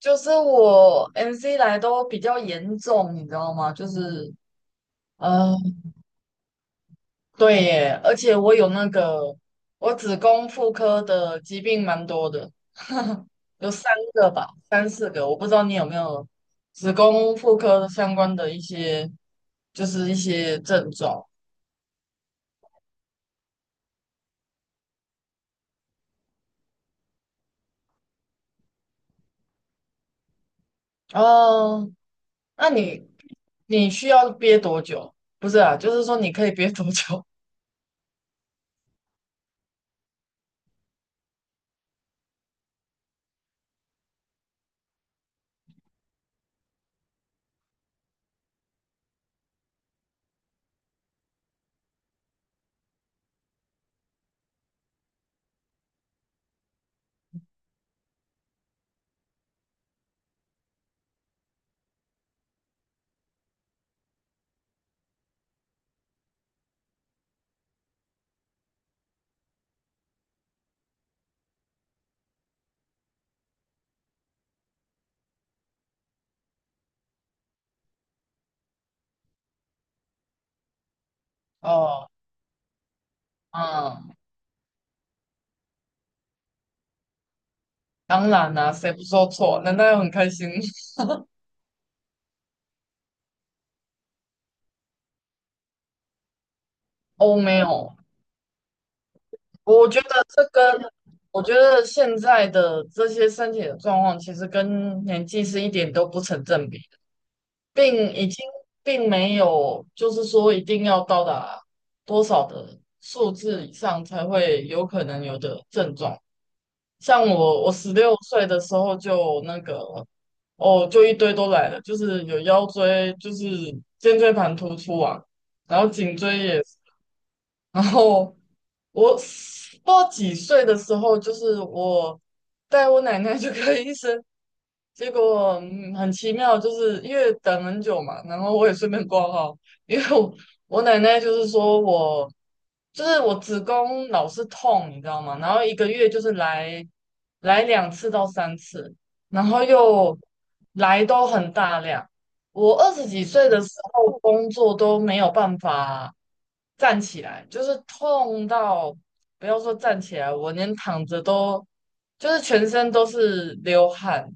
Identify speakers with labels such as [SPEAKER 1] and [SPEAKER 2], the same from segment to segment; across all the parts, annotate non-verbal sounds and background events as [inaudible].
[SPEAKER 1] 就是我 MC 来都比较严重，你知道吗？就是，呃，对耶，而且我有那个，我子宫妇科的疾病蛮多的，有三个吧，三四个，我不知道你有没有子宫妇科相关的一些，就是一些症状。哦，那你需要憋多久？不是啊，就是说你可以憋多久？[laughs] 哦，嗯，当然啦、谁不说错？难道要很开心？[laughs] 哦，没有，我觉得这跟我觉得现在的这些身体的状况，其实跟年纪是一点都不成正比的，并已经并没有就是说一定要到达多少的数字以上才会有可能有的症状。像我，我16岁的时候就那个哦，就一堆都来了，就是有腰椎，就是肩椎盘突出啊，然后颈椎也是。然后我不知道几岁的时候，就是我带我奶奶去看医生，结果嗯很奇妙，就是因为等很久嘛，然后我也顺便挂号，因为我奶奶就是说我就是我子宫老是痛，你知道吗？然后一个月就是来两次到三次，然后又来都很大量。我二十几岁的时候工作都没有办法。站起来，就是痛到不要说站起来，我连躺着都就是全身都是流汗，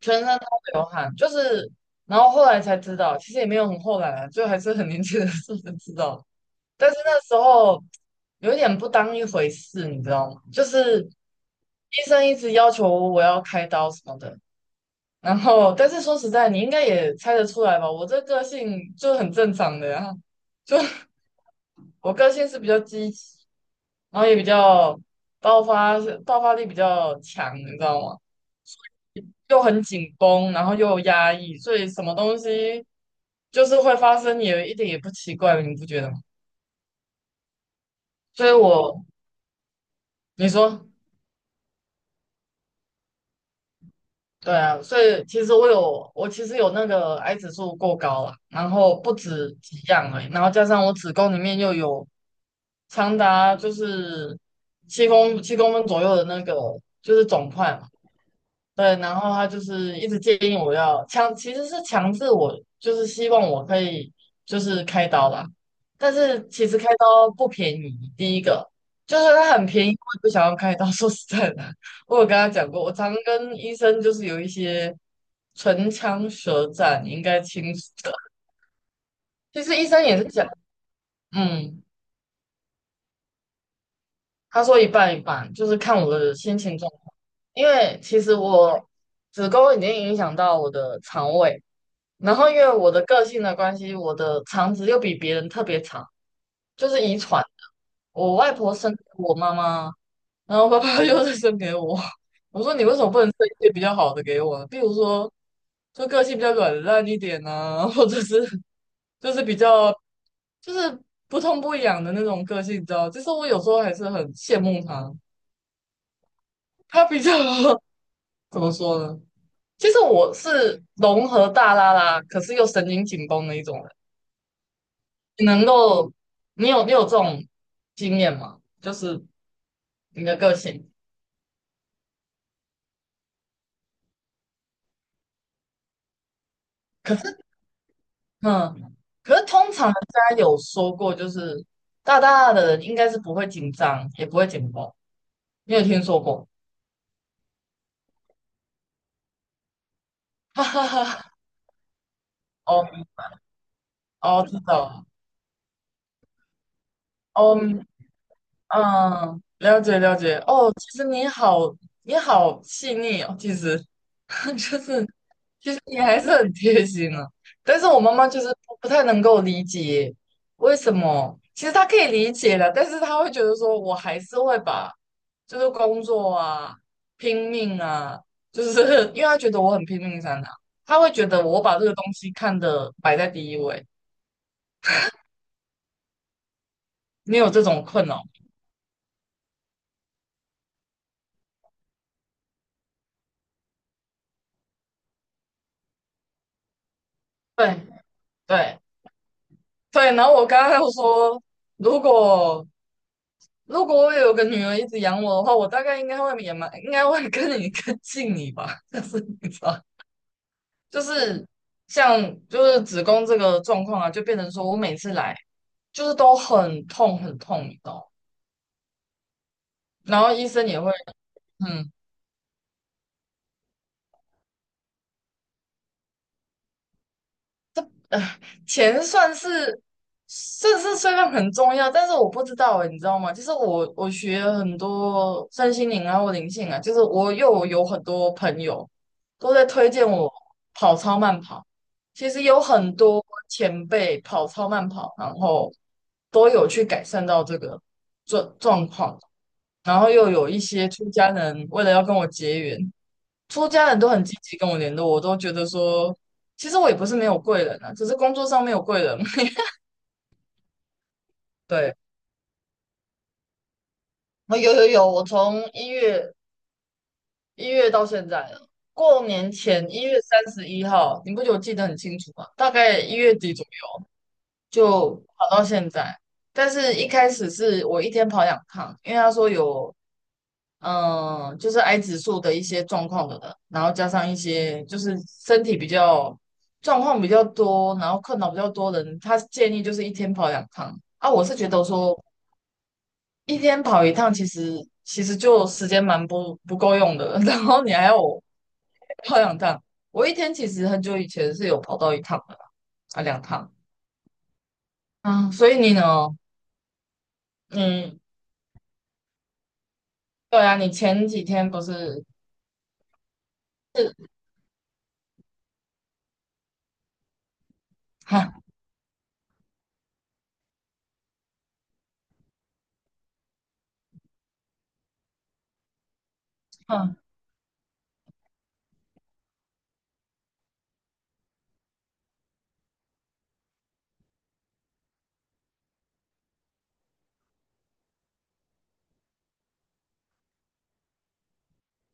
[SPEAKER 1] 全身都流汗，就是然后后来才知道，其实也没有很后来啊，就还是很年轻的时候才知道，但是那时候有一点不当一回事，你知道吗？就是医生一直要求我要开刀什么的。然后，但是说实在，你应该也猜得出来吧？我这个性就很正常的呀、就 [laughs] 我个性是比较积极，然后也比较爆发爆发力比较强，你知道吗？又很紧绷，然后又有压抑，所以什么东西就是会发生，也一点也不奇怪，你不觉得吗？所以我，你说，对啊，所以其实我有，我其实有那个癌指数过高了，然后不止几样而已，然后加上我子宫里面又有长达就是七公分左右的那个就是肿块，嘛。对，然后他就是一直建议我要强，其实是强制我，就是希望我可以就是开刀啦。但是其实开刀不便宜，第一个就是它很便宜，我也不想要开刀。[laughs] 说实在的，我有跟他讲过，我常跟医生就是有一些唇枪舌战，你应该清楚的。其实医生也是讲，嗯，他说一半一半，就是看我的心情状况，因为其实我子宫已经影响到我的肠胃。然后因为我的个性的关系，我的肠子又比别人特别长，就是遗传。我外婆生给我妈妈，然后爸爸 [laughs] 又是生给我。[laughs] 我说你为什么不能生一些比较好的给我呢？比如说，就个性比较软烂一点啊，或者是就是比较就是不痛不痒的那种个性，你知道？其实我有时候还是很羡慕他，他比较 [laughs] 怎么说呢？其实我是融合大拉拉，可是又神经紧绷的一种人。你能够，你有这种经验吗？就是你的个性，可是嗯，可是通常人家有说过，就是大大的人应该是不会紧张，也不会紧绷。你有听说过？[laughs] 哈哈哈。哦哦，知道了。哦嗯，嗯了解了解。哦，其实你好细腻哦，其实 [laughs] 就是其实你还是很贴心啊，但是我妈妈就是不太能够理解为什么。其实她可以理解的，但是她会觉得说，我还是会把就是工作啊、拼命啊，就是 [laughs] 因为她觉得我很拼命在哪，她会觉得我把这个东西看的摆在第一位。你有这种困扰吗？对对对，然后我刚刚又说，如果如果我有个女儿一直养我的话，我大概应该会也蛮，应该会跟你更近你吧。[laughs] 但是你知道，就是像就是子宫这个状况啊，就变成说我每次来就是都很痛很痛，你知道吗？然后医生也会，嗯。呃，钱算是算是虽然很重要，但是我不知道欸，你知道吗？就是我学了很多身心灵啊或灵性啊，就是我又有很多朋友都在推荐我跑超慢跑。其实有很多前辈跑超慢跑，然后都有去改善到这个状况，然后又有一些出家人为了要跟我结缘，出家人都很积极跟我联络，我都觉得说，其实我也不是没有贵人啊，只是工作上没有贵人。[laughs] 对，哦有有有，我从一月到现在了过年前1月31号，你不觉得我记得很清楚吗？大概一月底左右就跑到现在，但是一开始是我一天跑两趟，因为他说有嗯，就是癌指数的一些状况的人，然后加上一些就是身体比较状况比较多，然后困扰比较多的人，他建议就是一天跑两趟啊。我是觉得说一天跑一趟，其实其实就时间蛮不够用的，[laughs] 然后你还要我 [laughs] 跑两趟，我一天其实很久以前是有跑到一趟的啦啊，两趟啊，所以你呢？嗯，对啊，你前几天不是，[laughs] 哈，嗯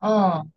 [SPEAKER 1] 嗯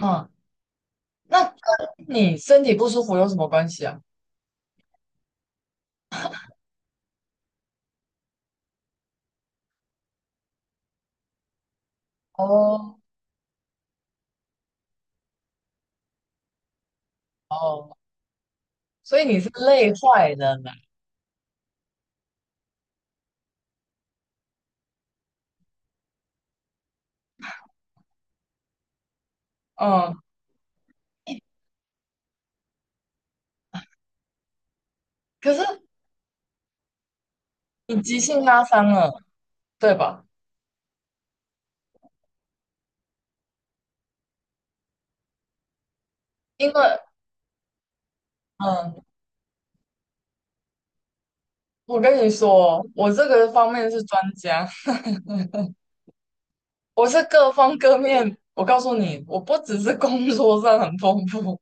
[SPEAKER 1] 嗯，那。你身体不舒服有什么关系啊？哦哦，所以你是累坏了嘛？嗯，可是你急性拉伤了，对吧？因为嗯，我跟你说，我这个方面是专家，我是各方各面。我告诉你，我不只是工作上很丰富，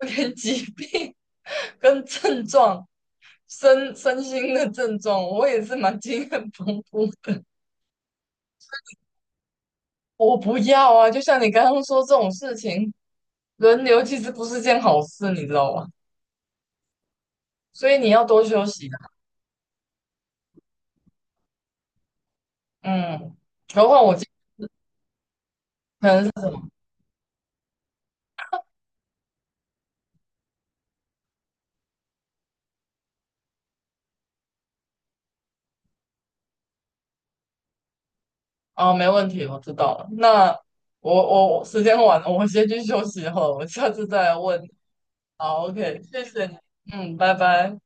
[SPEAKER 1] 我连疾病跟症状、身心的症状，我也是蛮经验丰富的。我不要啊！就像你刚刚说这种事情，轮流其实不是件好事，你知道吗？所以你要多休息的。嗯，何况我今天。可能是什么？啊？没问题，我知道了。那我时间晚了，我先去休息好了，我下次再来问你。好，OK,谢谢你。嗯，拜拜。